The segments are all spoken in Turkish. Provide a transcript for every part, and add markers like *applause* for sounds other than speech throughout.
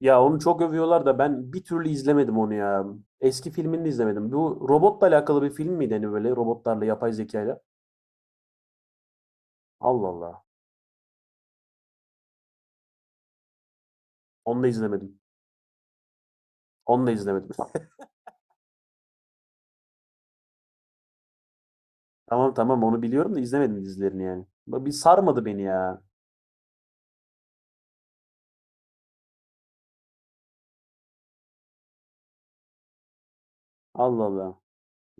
Ya onu çok övüyorlar da ben bir türlü izlemedim onu ya. Eski filmini de izlemedim. Bu robotla alakalı bir film miydi hani böyle robotlarla yapay zekayla? Allah Allah. Onu da izlemedim. Onu da izlemedim. *laughs* Tamam tamam, onu biliyorum da izlemedim dizilerini yani. Bir sarmadı beni ya. Allah Allah.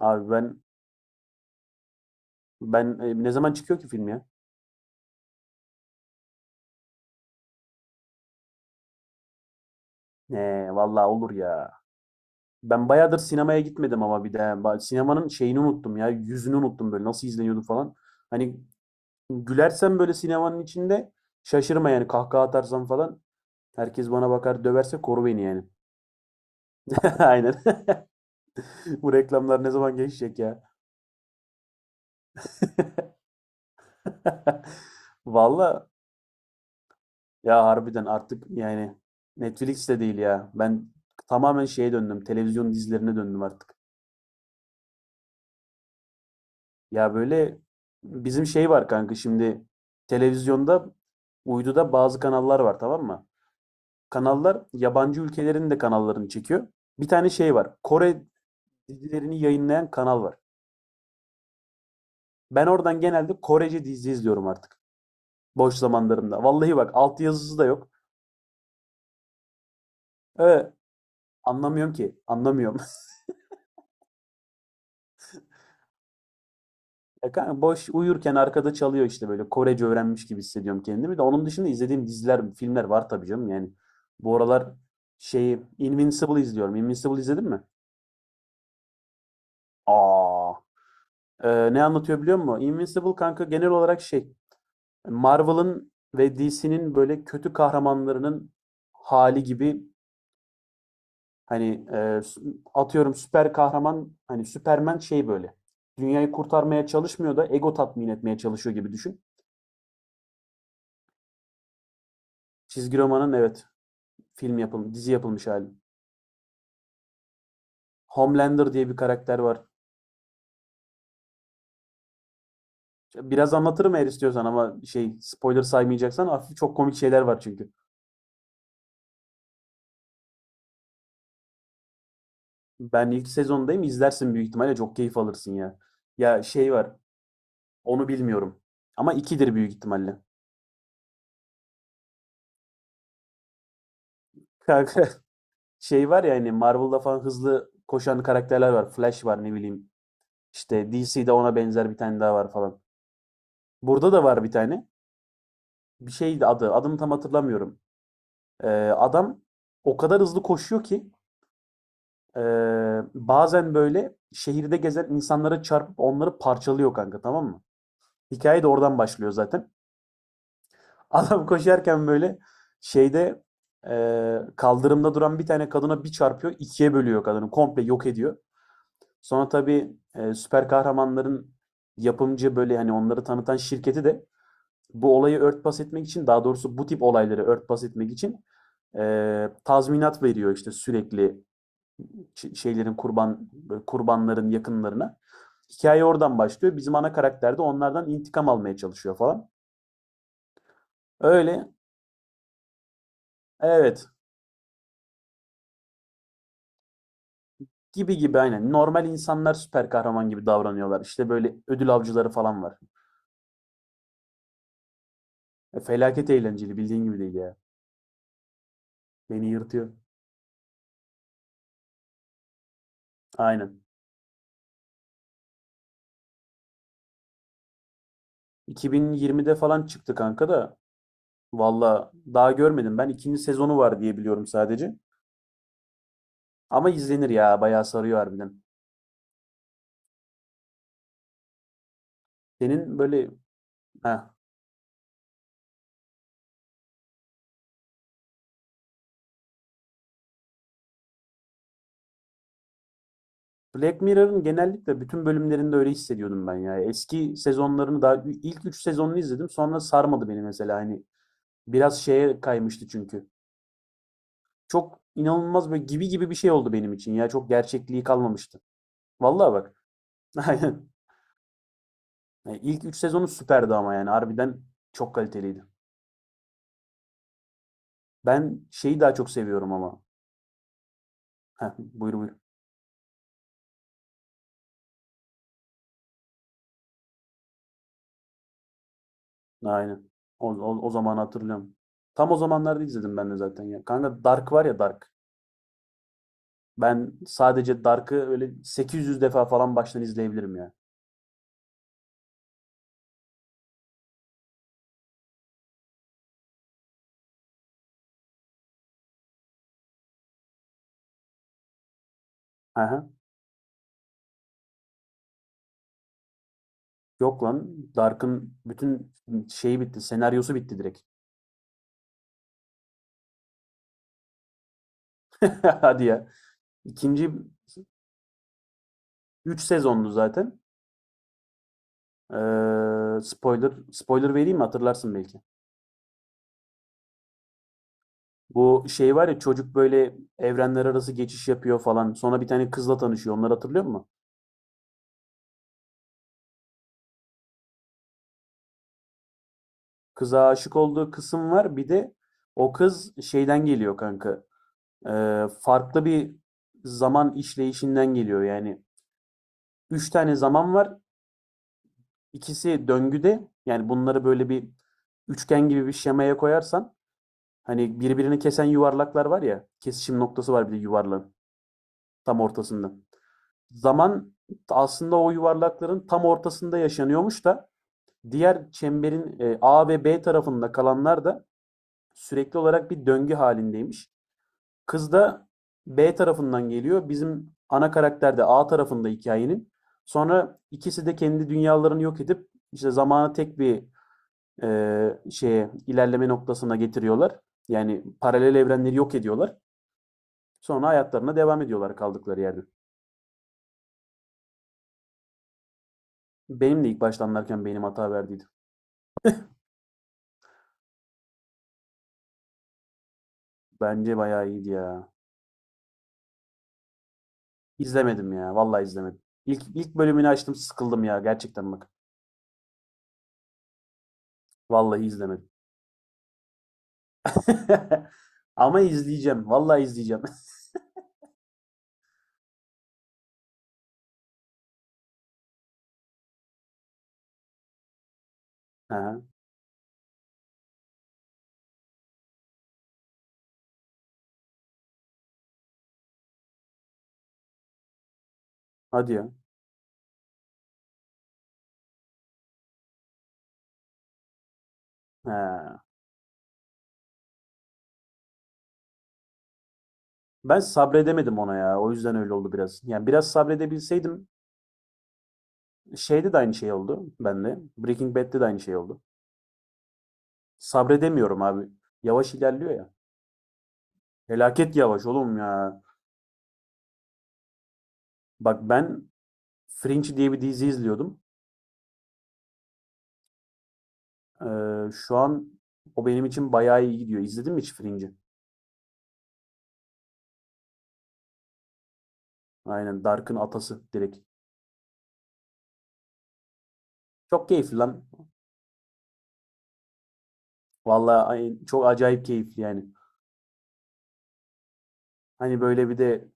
Abi ben ne zaman çıkıyor ki film ya? Ne vallahi olur ya. Ben bayağıdır sinemaya gitmedim ama bir de sinemanın şeyini unuttum ya. Yüzünü unuttum, böyle nasıl izleniyordu falan. Hani gülersen böyle sinemanın içinde şaşırma yani, kahkaha atarsam falan herkes bana bakar, döverse koru beni yani. *laughs* Aynen. *laughs* Bu reklamlar ne zaman geçecek ya? *laughs* Valla ya, harbiden artık yani Netflix de değil ya. Ben tamamen şeye döndüm. Televizyon dizilerine döndüm artık. Ya böyle bizim şey var kanka, şimdi televizyonda, uyduda bazı kanallar var, tamam mı? Kanallar yabancı ülkelerin de kanallarını çekiyor. Bir tane şey var. Kore dizilerini yayınlayan kanal var. Ben oradan genelde Korece dizi izliyorum artık. Boş zamanlarımda. Vallahi bak, altyazısı da yok. Ee, Anlamıyorum ki. Anlamıyorum. *laughs* Ya kanka boş uyurken arkada çalıyor işte, böyle Korece öğrenmiş gibi hissediyorum kendimi de. Onun dışında izlediğim diziler, filmler var tabii canım yani. Bu aralar şeyi Invincible izliyorum. Invincible izledin mi? Aa, ne anlatıyor biliyor musun? Invincible kanka, genel olarak şey, Marvel'ın ve DC'nin böyle kötü kahramanlarının hali gibi. Hani atıyorum, süper kahraman hani Superman şey böyle. Dünyayı kurtarmaya çalışmıyor da ego tatmin etmeye çalışıyor gibi düşün. Çizgi romanın, evet, film yapılmış, dizi yapılmış hali. Homelander diye bir karakter var. Biraz anlatırım eğer istiyorsan, ama şey, spoiler saymayacaksan hafif, çok komik şeyler var çünkü. Ben ilk sezondayım, izlersin büyük ihtimalle çok keyif alırsın ya. Ya şey var, onu bilmiyorum, ama ikidir büyük ihtimalle. Kanka *laughs* şey var ya, hani Marvel'da falan hızlı koşan karakterler var. Flash var, ne bileyim. İşte DC'de ona benzer bir tane daha var falan. Burada da var bir tane. Bir şeydi adı. Adını tam hatırlamıyorum. Ee, adam o kadar hızlı koşuyor ki, ee, bazen böyle şehirde gezen insanlara çarpıp onları parçalıyor kanka, tamam mı? Hikaye de oradan başlıyor zaten. *laughs* Adam koşarken böyle şeyde, kaldırımda duran bir tane kadına bir çarpıyor, ikiye bölüyor kadını. Komple yok ediyor. Sonra tabii süper kahramanların yapımcı, böyle hani onları tanıtan şirketi de bu olayı örtbas etmek için, daha doğrusu bu tip olayları örtbas etmek için tazminat veriyor işte, sürekli şeylerin kurbanların yakınlarına. Hikaye oradan başlıyor. Bizim ana karakter de onlardan intikam almaya çalışıyor falan. Öyle, evet, gibi gibi aynen. Normal insanlar süper kahraman gibi davranıyorlar. İşte böyle ödül avcıları falan var. Felaket eğlenceli, bildiğin gibi değil ya. Beni yırtıyor. Aynen. 2020'de falan çıktı kanka da, Valla daha görmedim ben. İkinci sezonu var diye biliyorum sadece. Ama izlenir ya, bayağı sarıyor harbiden. Senin böyle ha, Black Mirror'ın genellikle bütün bölümlerinde öyle hissediyordum ben ya. Eski sezonlarını, daha ilk üç sezonunu izledim, sonra sarmadı beni mesela, hani biraz şeye kaymıştı çünkü. Çok inanılmaz böyle gibi gibi bir şey oldu benim için ya, çok gerçekliği kalmamıştı. Vallahi bak, *laughs* aynen. Yani İlk üç sezonu süperdi ama, yani harbiden çok kaliteliydi. Ben şeyi daha çok seviyorum ama. Heh, buyur buyur. Aynen. O zamanı hatırlıyorum. Tam o zamanlarda izledim ben de zaten ya. Kanka Dark var ya, Dark. Ben sadece Dark'ı öyle 800 defa falan baştan izleyebilirim ya. Aha. Yok lan. Dark'ın bütün şeyi bitti. Senaryosu bitti direkt. *laughs* Hadi ya. İkinci, 3 sezonlu zaten. Spoiler vereyim mi? Hatırlarsın belki. Bu şey var ya, çocuk böyle evrenler arası geçiş yapıyor falan. Sonra bir tane kızla tanışıyor. Onları hatırlıyor musun? Kıza aşık olduğu kısım var. Bir de o kız şeyden geliyor kanka. Farklı bir zaman işleyişinden geliyor. Yani üç tane zaman var. İkisi döngüde. Yani bunları böyle bir üçgen gibi bir şemaya koyarsan, hani birbirini kesen yuvarlaklar var ya. Kesişim noktası var, bir de yuvarlağın tam ortasında. Zaman aslında o yuvarlakların tam ortasında yaşanıyormuş da, diğer çemberin A ve B tarafında kalanlar da sürekli olarak bir döngü halindeymiş. Kız da B tarafından geliyor. Bizim ana karakter de A tarafında hikayenin. Sonra ikisi de kendi dünyalarını yok edip işte zamanı tek bir şeye, ilerleme noktasına getiriyorlar. Yani paralel evrenleri yok ediyorlar. Sonra hayatlarına devam ediyorlar kaldıkları yerde. Benim de ilk başlanırken benim hata verdiydi. Bence bayağı iyiydi ya. İzlemedim ya. Vallahi izlemedim. İlk bölümünü açtım, sıkıldım ya gerçekten bak. Vallahi izlemedim. *laughs* Ama izleyeceğim. Vallahi izleyeceğim. *laughs* Ha. Hadi ya. He. Ben sabredemedim ona ya. O yüzden öyle oldu biraz. Yani biraz sabredebilseydim, şeyde de aynı şey oldu bende. Breaking Bad'de de aynı şey oldu. Sabredemiyorum abi. Yavaş ilerliyor ya. Felaket yavaş oğlum ya. Bak ben Fringe diye bir dizi izliyordum. Şu an o benim için bayağı iyi gidiyor. İzledin mi hiç Fringe'i? Aynen, Dark'ın atası direkt. Çok keyifli lan. Vallahi çok acayip keyifli yani. Hani böyle bir de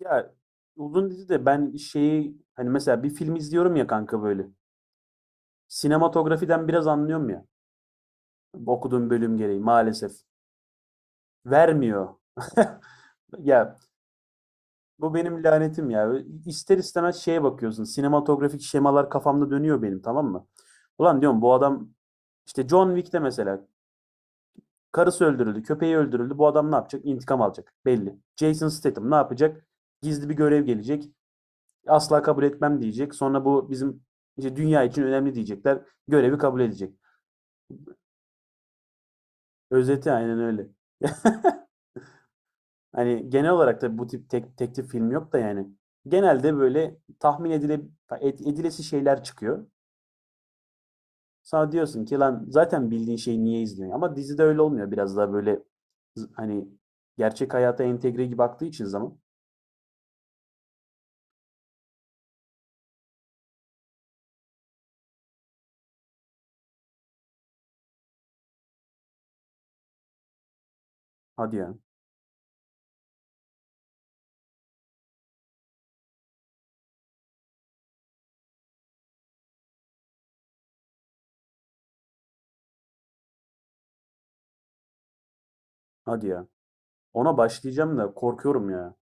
Ya, uzun dizi de ben şeyi, hani mesela bir film izliyorum ya kanka böyle. Sinematografiden biraz anlıyorum ya. Okuduğum bölüm gereği maalesef. Vermiyor. *laughs* Ya bu benim lanetim ya. İster istemez şeye bakıyorsun. Sinematografik şemalar kafamda dönüyor benim, tamam mı? Ulan diyorum, bu adam, işte John Wick'te mesela karısı öldürüldü, köpeği öldürüldü. Bu adam ne yapacak? İntikam alacak. Belli. Jason Statham ne yapacak? Gizli bir görev gelecek. Asla kabul etmem diyecek. Sonra bu bizim işte dünya için önemli diyecekler. Görevi kabul edecek. Özeti aynen öyle. *laughs* Hani genel olarak da bu tip teklif film yok da yani. Genelde böyle tahmin edilesi şeyler çıkıyor. Sonra diyorsun ki lan, zaten bildiğin şeyi niye izliyorsun? Ama dizide öyle olmuyor. Biraz daha böyle, hani gerçek hayata entegre gibi baktığı için zaman. Hadi ya. Hadi ya. Ona başlayacağım da korkuyorum ya.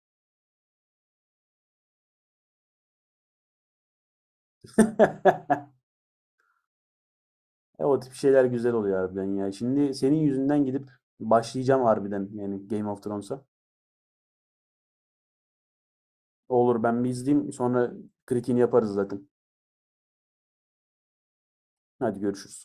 *laughs* O tip şeyler güzel oluyor harbiden ya. Şimdi senin yüzünden gidip başlayacağım harbiden, yani Game of Thrones'a. Olur, ben bir izleyeyim, sonra kritiğini yaparız zaten. Hadi görüşürüz.